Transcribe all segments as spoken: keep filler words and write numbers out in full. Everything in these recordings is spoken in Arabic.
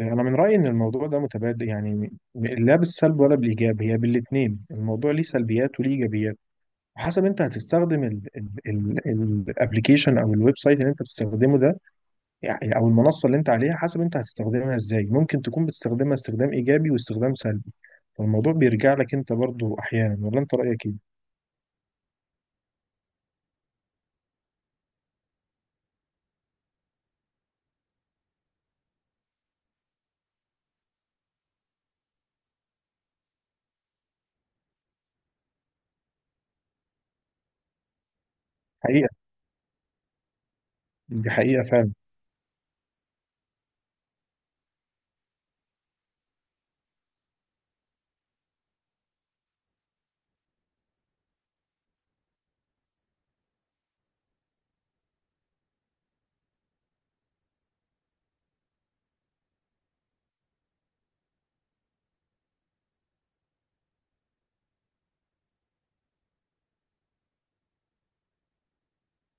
انا من رايي ان الموضوع ده متبادل، يعني لا بالسلب ولا بالايجاب، هي بالاثنين. الموضوع ليه سلبيات وليه ايجابيات وحسب انت هتستخدم الابلكيشن او الويب سايت اللي انت بتستخدمه ده، يعني او المنصه اللي انت عليها. حسب انت هتستخدمها ازاي، ممكن تكون بتستخدمها استخدام ايجابي واستخدام سلبي. فالموضوع بيرجع لك انت برضو احيانا، ولا انت رايك ايه؟ حقيقه. دي حقيقه فعلا.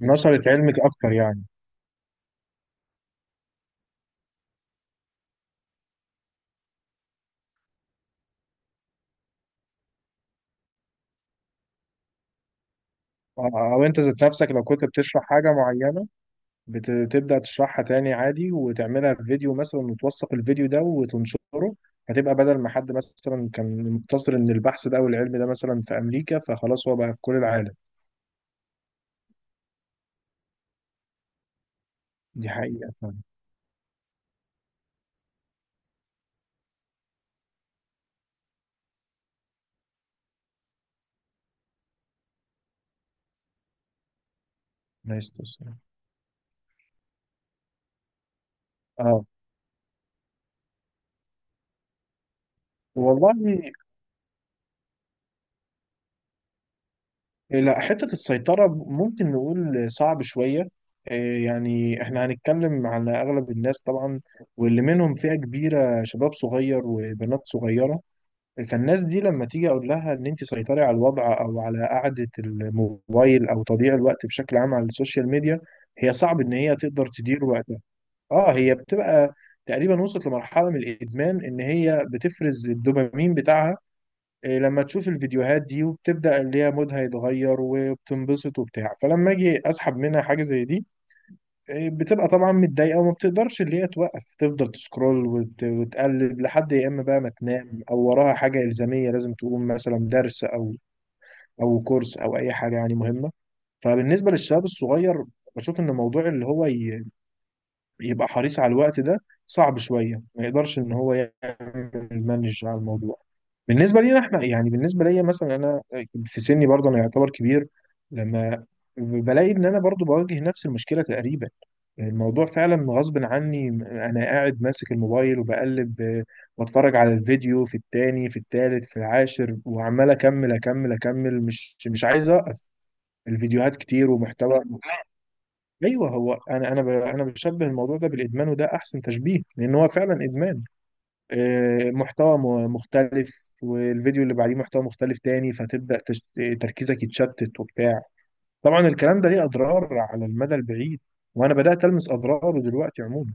نشرت علمك اكتر يعني. او أو انت ذات نفسك لو كنت بتشرح حاجه معينه، بت- بتبدأ تشرحها تاني عادي وتعملها في فيديو مثلا وتوثق الفيديو ده وتنشره. هتبقى بدل ما حد مثلا كان مقتصر ان البحث ده والعلم ده مثلا في امريكا، فخلاص هو بقى في كل العالم. دي حقيقة فعلا. نايس، تسلم. اه. والله لا، حتة السيطرة ممكن نقول صعب شوية. إيه، يعني احنا هنتكلم على اغلب الناس طبعا، واللي منهم فئة كبيرة شباب صغير وبنات صغيرة. فالناس دي لما تيجي اقول لها ان انت سيطري على الوضع او على قعدة الموبايل او تضييع الوقت بشكل عام على السوشيال ميديا، هي صعب ان هي تقدر تدير وقتها. اه، هي بتبقى تقريبا وصلت لمرحلة من الادمان ان هي بتفرز الدوبامين بتاعها، إيه، لما تشوف الفيديوهات دي وبتبدأ اللي هي مودها يتغير وبتنبسط وبتاع. فلما اجي اسحب منها حاجة زي دي، بتبقى طبعا متضايقه وما بتقدرش اللي هي توقف، تفضل تسكرول وت... وتقلب لحد يا اما بقى ما تنام او وراها حاجه الزاميه لازم تقوم مثلا، درس او او كورس او اي حاجه يعني مهمه. فبالنسبه للشباب الصغير، بشوف ان موضوع اللي هو ي... يبقى حريص على الوقت ده صعب شويه، ما يقدرش ان هو يعمل مانج على الموضوع. بالنسبه لينا احنا يعني، بالنسبه ليا مثلا انا في سني برضه انا يعتبر كبير، لما بلاقي ان انا برضه بواجه نفس المشكله تقريبا. الموضوع فعلا غصب عني، انا قاعد ماسك الموبايل وبقلب، آه، بتفرج على الفيديو في التاني في التالت في العاشر وعمال اكمل اكمل اكمل، مش مش عايز اوقف. الفيديوهات كتير ومحتوى. ايوه، هو انا انا ب- انا بشبه الموضوع ده بالادمان وده احسن تشبيه لان هو فعلا ادمان. آه، محتوى م- مختلف والفيديو اللي بعديه محتوى مختلف تاني، فتبدا تش- تركيزك يتشتت وبتاع. طبعا الكلام ده ليه اضرار على المدى البعيد، وانا بدات المس اضراره دلوقتي عموما.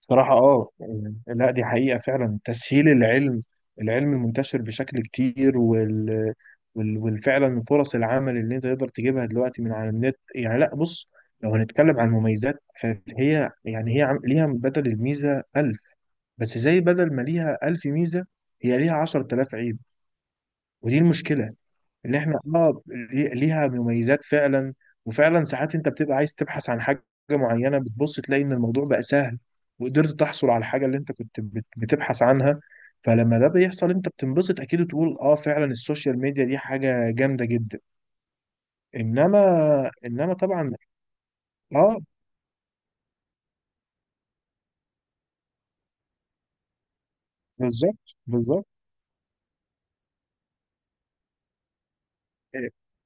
صراحة اه. لا، دي حقيقة فعلا، تسهيل العلم، العلم المنتشر بشكل كتير، وال وال- والفعلا فرص العمل اللي انت تقدر تجيبها دلوقتي من على النت. يعني لا بص، لو هنتكلم عن المميزات فهي يعني هي عم- ليها بدل الميزة ألف. بس زي بدل ما ليها ألف ميزة، هي ليها عشرة آلاف عيب، ودي المشكلة. ان احنا اه لي- ليها مميزات فعلا. وفعلا ساعات انت بتبقى عايز تبحث عن حاجه معينه، بتبص تلاقي ان الموضوع بقى سهل وقدرت تحصل على الحاجه اللي انت كنت بت- بتبحث عنها. فلما ده بيحصل انت بتنبسط اكيد، وتقول اه فعلا السوشيال ميديا دي حاجه جامده جدا. انما، انما طبعا. اه. بالظبط، بالظبط.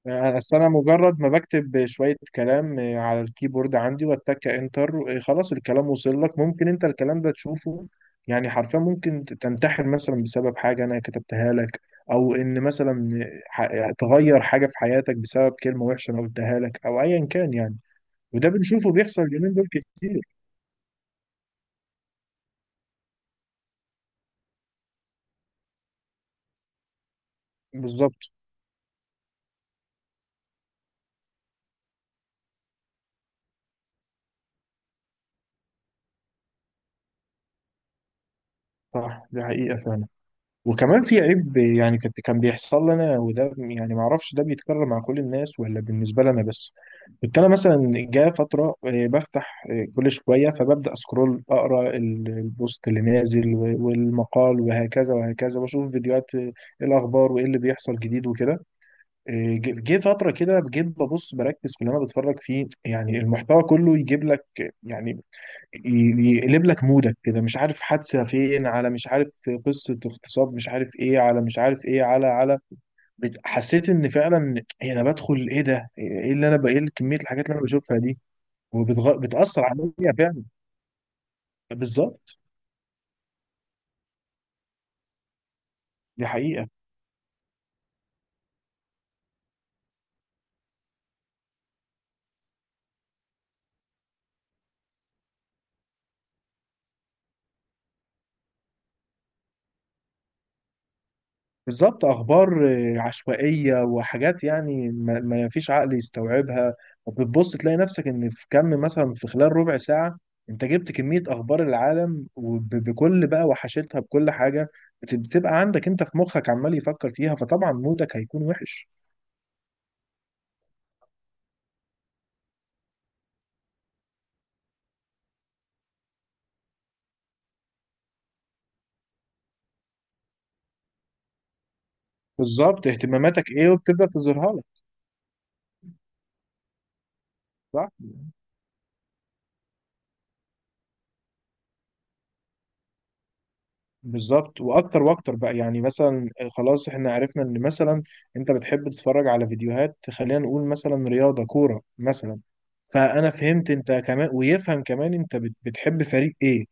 آه، اصل انا مجرد ما بكتب شويه كلام آه، على الكيبورد عندي واتك انتر، آه، خلاص الكلام وصل لك، ممكن انت الكلام ده تشوفه. يعني حرفيا ممكن تنتحر مثلا بسبب حاجه انا كتبتها لك، او ان مثلا ح- تغير حاجه في حياتك بسبب كلمه وحشه انا قلتها لك او ايا كان يعني. وده بنشوفه بيحصل اليومين دول كتير. بالظبط. صح دي حقيقه فعلا. وكمان في عيب يعني كنت كان بيحصل لنا، وده يعني ما اعرفش ده بيتكرر مع كل الناس ولا بالنسبه لنا بس. كنت انا مثلا جاء فتره، آه، بفتح آه، كل شويه فببدا اسكرول، اقرا ال- البوست اللي نازل و- والمقال وهكذا وهكذا، واشوف فيديوهات، آه، إيه الاخبار وايه اللي بيحصل جديد وكده. آه، جه جه فتره كده، جيت ببص بركز في اللي انا بتفرج فيه، يعني المحتوى كله يجيب لك آه، يعني ي- يقلب لك مودك كده، مش عارف حادثة فين على مش عارف، قصة اغتصاب مش عارف ايه على مش عارف ايه على على. بت- حسيت ان فعلا إيه انا بدخل، ايه ده، ايه اللي انا بقى، ايه كمية الحاجات اللي انا بشوفها دي. وبتأثر عليا فعلا. بالظبط. دي حقيقة. بالظبط اخبار آه، عشوائيه وحاجات يعني ما ما فيش عقل يستوعبها. وبتبص تلاقي نفسك ان في كم مثلا في خلال ربع ساعه، انت جبت كميه اخبار العالم وبكل بقى وحشتها بكل حاجه، بت- بتبقى عندك انت في مخك عمال يفكر فيها، فطبعا مودك هيكون وحش. بالظبط اهتماماتك ايه وبتبدا تظهرها لك. صح. بالظبط. واكتر واكتر بقى يعني مثلا، خلاص احنا عرفنا ان مثلا انت بتحب تتفرج على فيديوهات، خلينا نقول مثلا رياضه، كوره مثلا، فانا فهمت انت كمان ويفهم كمان انت بت- بتحب فريق ايه،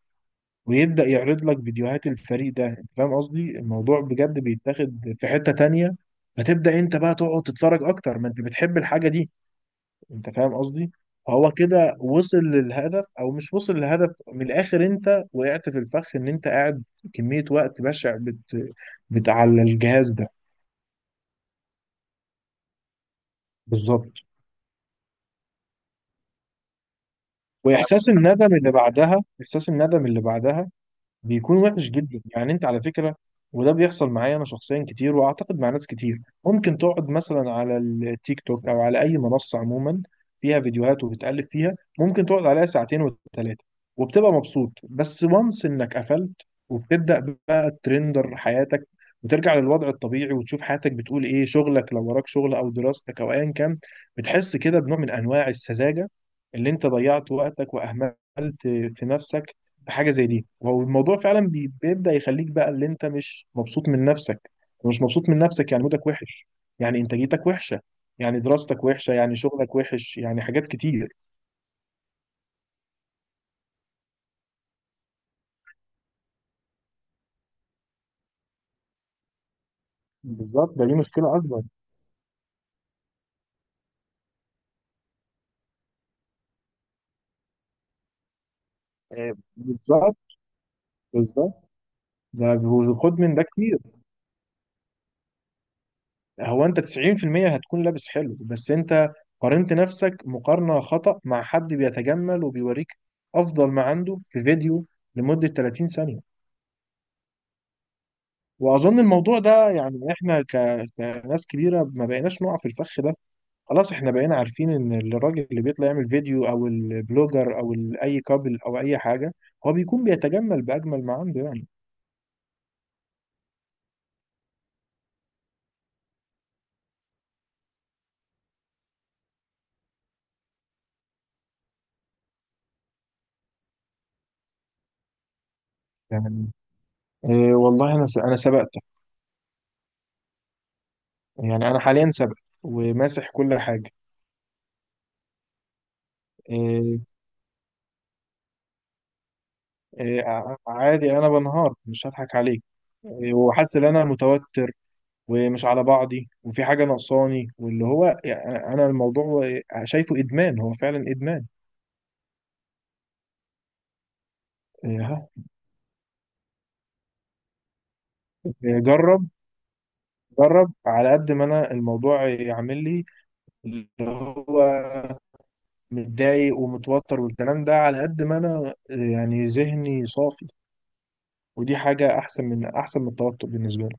ويبدا يعرض لك فيديوهات الفريق ده. انت فاهم قصدي؟ الموضوع بجد بيتاخد في حته تانية. فتبدا انت بقى تقعد تتفرج اكتر، ما انت بتحب الحاجه دي. انت فاهم قصدي. فهو كده وصل للهدف او مش وصل للهدف، من الاخر انت وقعت في الفخ ان انت قاعد كمية وقت بشع بت... بت على الجهاز ده. بالظبط. واحساس الندم اللي بعدها، احساس الندم اللي بعدها بيكون وحش جدا يعني، انت على فكره. وده بيحصل معايا انا شخصيا كتير، واعتقد مع ناس كتير. ممكن تقعد مثلا على التيك توك او على اي منصه عموما فيها فيديوهات وبتقلب فيها، ممكن تقعد عليها ساعتين وثلاثه وبتبقى مبسوط. بس وانس انك قفلت، وبتبدا بقى ترندر حياتك وترجع للوضع الطبيعي وتشوف حياتك بتقول ايه، شغلك لو وراك شغل او دراستك او ايا كان، بتحس كده بنوع من انواع السذاجه اللي انت ضيعت وقتك واهملت في نفسك. حاجه زي دي، هو الموضوع فعلا بي- بيبدا يخليك بقى اللي انت مش مبسوط من نفسك. مش مبسوط من نفسك يعني مودك وحش. يعني انتاجيتك وحشه، يعني دراستك وحشه، يعني شغلك وحش، يعني حاجات كتير. بالظبط، ده دي مشكله اكبر. آه، بالظبط. بالظبط. ده خد من ده كتير. هو انت تسعين في المية هتكون لابس حلو، بس انت قارنت نفسك مقارنه خطأ مع حد بيتجمل وبيوريك افضل ما عنده في فيديو لمده ثلاثين ثانيه. واظن الموضوع ده يعني احنا ك... كناس كبيره ما بقيناش نقع في الفخ ده. خلاص احنا بقينا عارفين ان الراجل اللي بيطلع يعمل فيديو او البلوجر او ال- اي كابل او اي حاجه، هو بيكون بيتجمل باجمل ما عنده يعني. يعني إيه. والله انا س... انا سبقتك يعني. انا حاليا سبق وماسح كل حاجه. إيه. إيه ع- عادي انا بنهار مش هضحك عليك. إيه، وحاسس ان انا متوتر ومش على بعضي، وفي حاجة ناقصاني، واللي هو يعني أنا الموضوع شايفه إدمان، هو فعلا إدمان. إيه، ها. جرب. جرب، على قد ما أنا الموضوع يعمل لي اللي هو متضايق ومتوتر والكلام ده، على قد ما أنا يعني ذهني صافي. ودي حاجة أحسن من أحسن من التوتر بالنسبة لي.